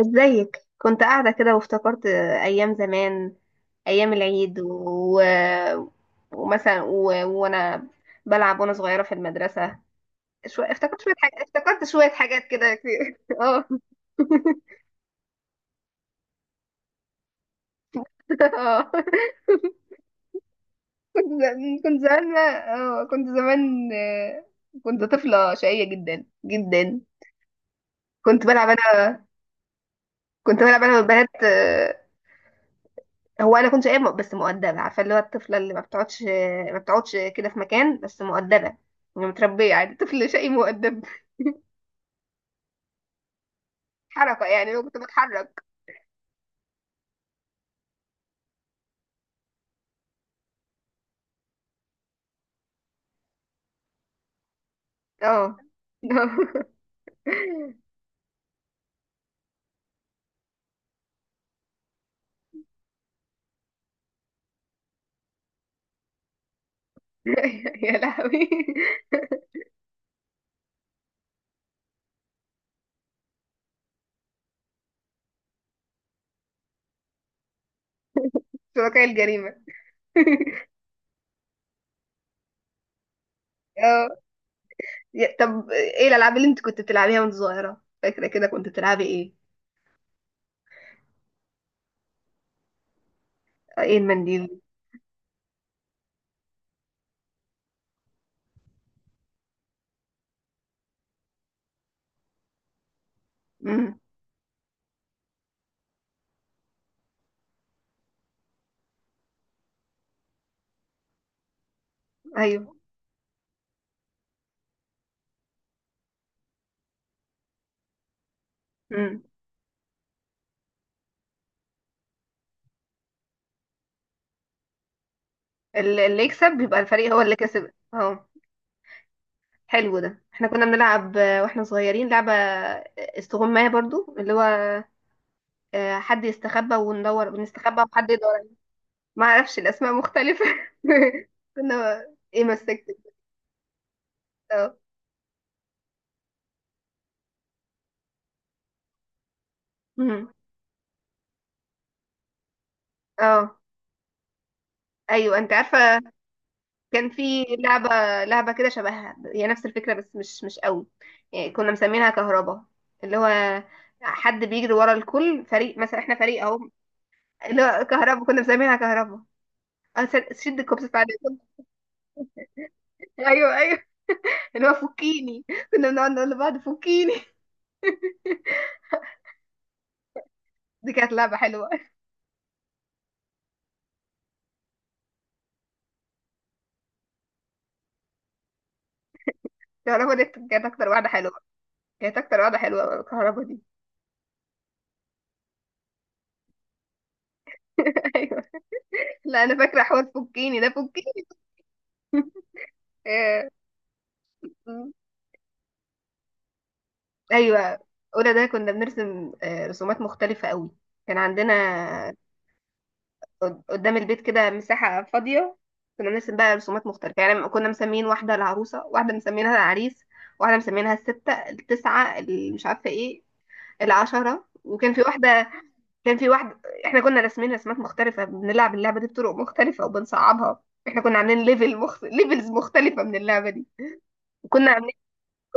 ازيك، كنت قاعدة كده وافتكرت أيام زمان، أيام العيد ومثلا و... وأنا بلعب وأنا صغيرة في المدرسة. افتكرت شوية حاجات، كده كتير. اه اه. كنت ز- كنت زمان اه كنت زمان آه، كنت طفلة شقية جدا جدا. كنت بلعب أنا كنت بلعب أنا والبنات. هو انا كنت شقية بس مؤدبة، عارفة اللي هو الطفلة اللي ما بتقعدش ما بتقعدش كده في مكان، بس مؤدبة. يعني متربية عادي، طفل شقي مؤدب، حركة، يعني لو كنت بتحرك. اه. يا لهوي، شركاء الجريمة. اه. طب ايه الالعاب اللي انت كنت بتلعبيها وانت صغيرة؟ فاكرة كده كنت بتلعبي ايه؟ ايه المنديل؟ امم. ايوه. امم. اللي يكسب بيبقى الفريق هو اللي كسب. اه. حلو، ده احنا كنا بنلعب واحنا صغيرين لعبة استغماية برضو، اللي هو حد يستخبى وندور، بنستخبى وحد يدور علينا. ما اعرفش، الاسماء مختلفة. كنا... ايه مسكت؟ اه. مم. اه. ايوه، انت عارفة، كان في لعبة لعبة كده شبهها، هي نفس الفكرة بس مش قوي. يعني كنا مسمينها كهربا، اللي هو حد بيجري ورا الكل، فريق مثلا احنا فريق اهو، اللي هو كهربا، كنا مسمينها كهربا. اه. شد الكوبس بتاع الكوبس. ايوه ايوه، اللي هو فكيني، كنا بنقعد نقول لبعض فكيني. دي كانت لعبة حلوة. الكهرباء دي كانت أكتر واحدة حلوة، كانت أكتر واحدة حلوة الكهرباء دي. أيوة. لا، أنا فاكرة حوار فكيني ده، فكيني. آه، م. أيوة. أولى ده كنا بنرسم رسومات مختلفة قوي. كان عندنا قدام البيت كده مساحة فاضية، كنا بنرسم بقى رسومات مختلفة، يعني كنا مسمين واحدة العروسة، واحدة مسمينها العريس، واحدة مسمينها الستة، التسعة اللي مش عارفة ايه، العشرة، وكان في واحدة. كان في واحد، احنا كنا راسمين رسمات مختلفة، بنلعب اللعبة دي بطرق مختلفة وبنصعبها. احنا كنا عاملين ليفلز مختلفة من اللعبة دي. وكنا عاملين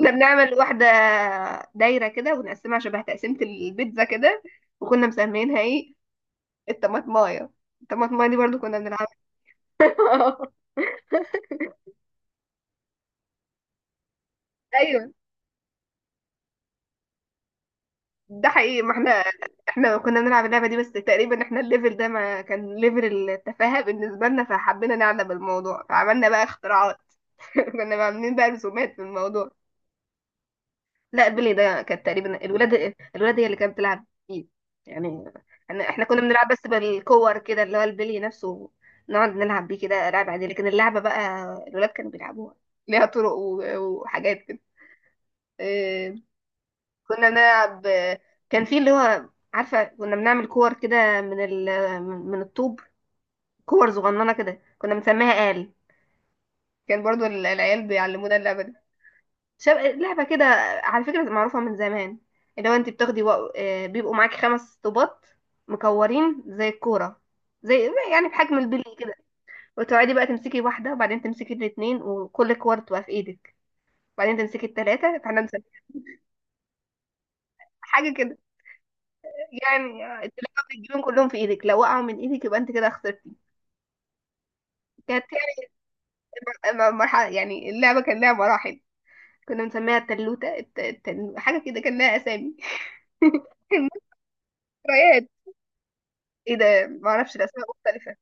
كنا بنعمل واحدة دايرة كده ونقسمها شبه تقسيمة البيتزا كده، وكنا مسمينها ايه، الطماطماية. الطماطماية دي برضو كنا بنلعبها. ايوه ده حقيقي، ما احنا كنا بنلعب اللعبة دي، بس تقريبا احنا الليفل ده ما كان ليفل التفاهة بالنسبة لنا، فحبينا نعلم الموضوع، فعملنا بقى اختراعات. كنا عاملين بقى رسومات في الموضوع. لا، بيلي ده كانت تقريبا الولاد هي اللي كانت بتلعب فيه يعني. إحنا كنا بنلعب بس بالكور كده، اللي هو البلي نفسه، نقعد نلعب بيه كده لعب عادي، لكن اللعبة بقى الولاد كانوا بيلعبوها، ليها طرق وحاجات كده. إيه، كنا بنلعب، كان في اللي هو، عارفة، كنا بنعمل كور كده من ال من من الطوب، كور صغننة كده، كنا بنسميها آل، كان برضو العيال بيعلمونا اللعبة دي. لعبة كده على فكرة معروفة من زمان، اللي هو انت بتاخدي و... آه، بيبقوا معاكي خمس طوبات مكورين زي الكورة، زي يعني بحجم البلي كده. وتقعدي بقى تمسكي واحدة، وبعدين تمسكي الاتنين وكل كور تبقى في ايدك، وبعدين تمسكي التلاتة، فاحنا نسمي حاجة كده يعني، التلاتة بتجيبهم كلهم في ايدك. لو وقعوا من ايدك يبقى انت كده خسرتي. كانت مرحلة، يعني اللعبة كان لها مراحل، كنا بنسميها التلوتة، حاجة كده كان لها أسامي. ذكريات. ايه ده؟ معرفش، الأسماء مختلفة.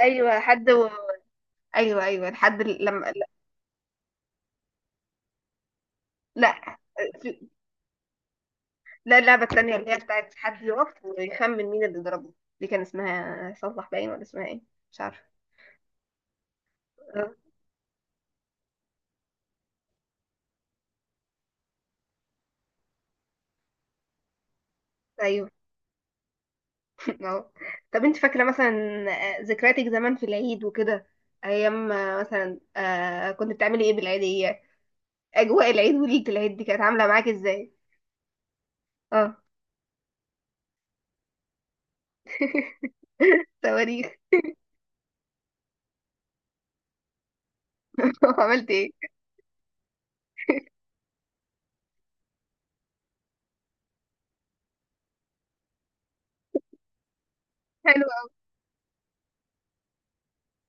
ايوه، حد ايوه ايوه لحد لما... لا. لا في- لا، اللعبه التانيه اللي هي بتاعت حد يقف ويخمن مين اللي ضربه، دي كان اسمها صلح باين ولا اسمها ايه؟ مش عارفه. آه، ايوه. اه. طب انت فاكره مثلا ذكرياتك زمان في العيد وكده، ايام مثلا كنت بتعملي ايه بالعيديه؟ اجواء العيد وليله العيد دي كانت عامله معاك ازاي؟ اه. صواريخ. عملت ايه؟ حلو.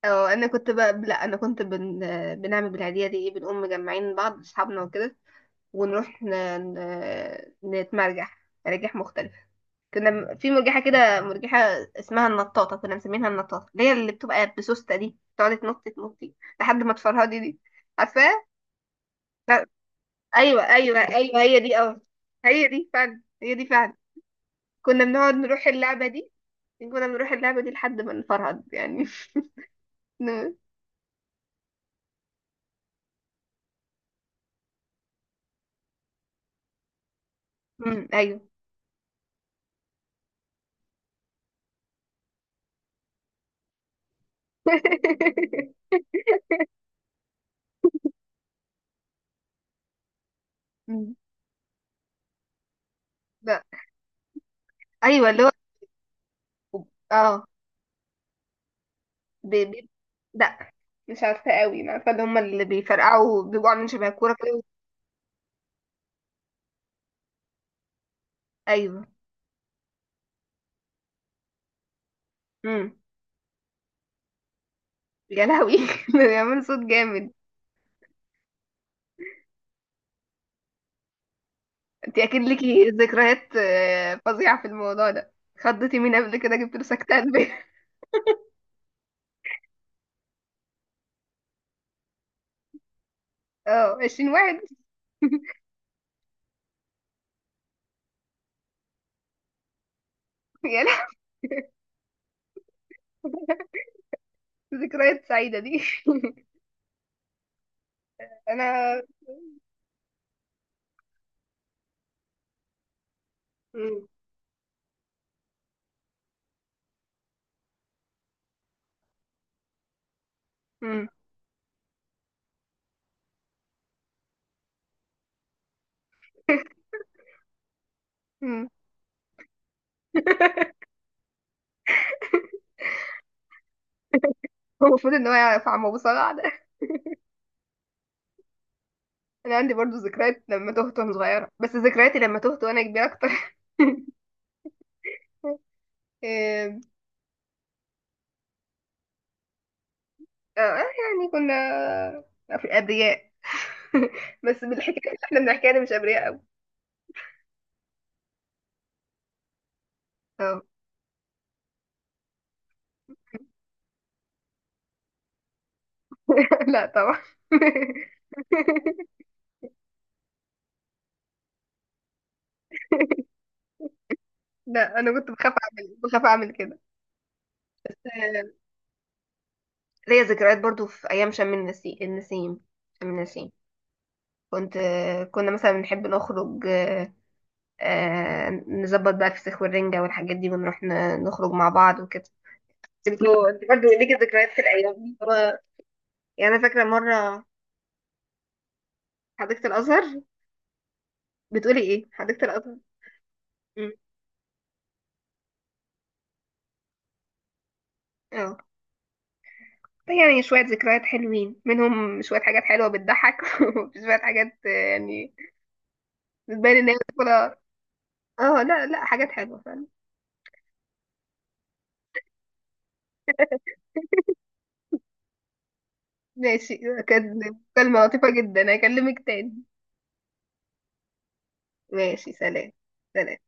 اه، انا كنت بقى... لا، انا كنت بنعمل بالعيدية دي ايه، بنقوم مجمعين بعض اصحابنا وكده، ونروح ن... نتمرجح مراجح مختلفة. كنا في مرجحة كده، مرجحة اسمها النطاطة، كنا مسمينها النطاطة، اللي بتبقى بسوستة دي، تقعد تنط تنطي لحد ما تفرهدي دي. عارفاها؟ لا. ايوه ايوه ايوه، هي دي. اه، هي دي فعلا، هي دي فعلا. كنا بنقعد نروح اللعبة دي كنا بنروح اللعبة دي لحد ما نفرهد يعني. ن- مم، ايوه. لا، ايوه، اللي هو، اه. بي- بي- لا مش عارفه قوي، ما عارفه، اللي هم اللي بيفرقعوا بيبقوا عاملين شبه الكوره كده. ايوه. امم. يا لهوي. بيعمل صوت جامد. انت اكيد ليكي ذكريات فظيعه في الموضوع ده. خضتي مين قبل كده؟ جبت له سكتان. بيه. اه، 20 واحد. يا لهوي، ذكريات سعيده دي. انا. مم. مم. مم. هو المفروض ان هو يعرف عم ابو صلاح ده. انا عندي برضو ذكريات لما تهت وانا صغيره، بس ذكرياتي لما تهت وانا كبيره اكتر. آه، يعني كنا في أبرياء. بس بالحكاية اللي احنا بنحكيها دي مش أبرياء أوي. اه. لا طبعا. لا، أنا كنت بخاف أعمل كده. بس ليا ذكريات برضو في أيام شم النسيم، شم النسيم كنت آه، كنا مثلا نحب نخرج، نظبط بقى الفسيخ والرنجة والحاجات دي، ونروح نخرج مع بعض وكده. انت برضه ليكي ذكريات في الأيام دي. يعني أنا فاكرة مرة... حديقة الأزهر. بتقولي ايه؟ حديقة الازهر. مم. اه، يعني شوية ذكريات حلوين، منهم شوية حاجات حلوة بتضحك وشوية حاجات يعني بتبان ان هي... اه، لا لا، حاجات حلوة فعلا. ماشي، كانت مكالمة لطيفة جدا، اكلمك تاني. ماشي، سلام. سلام.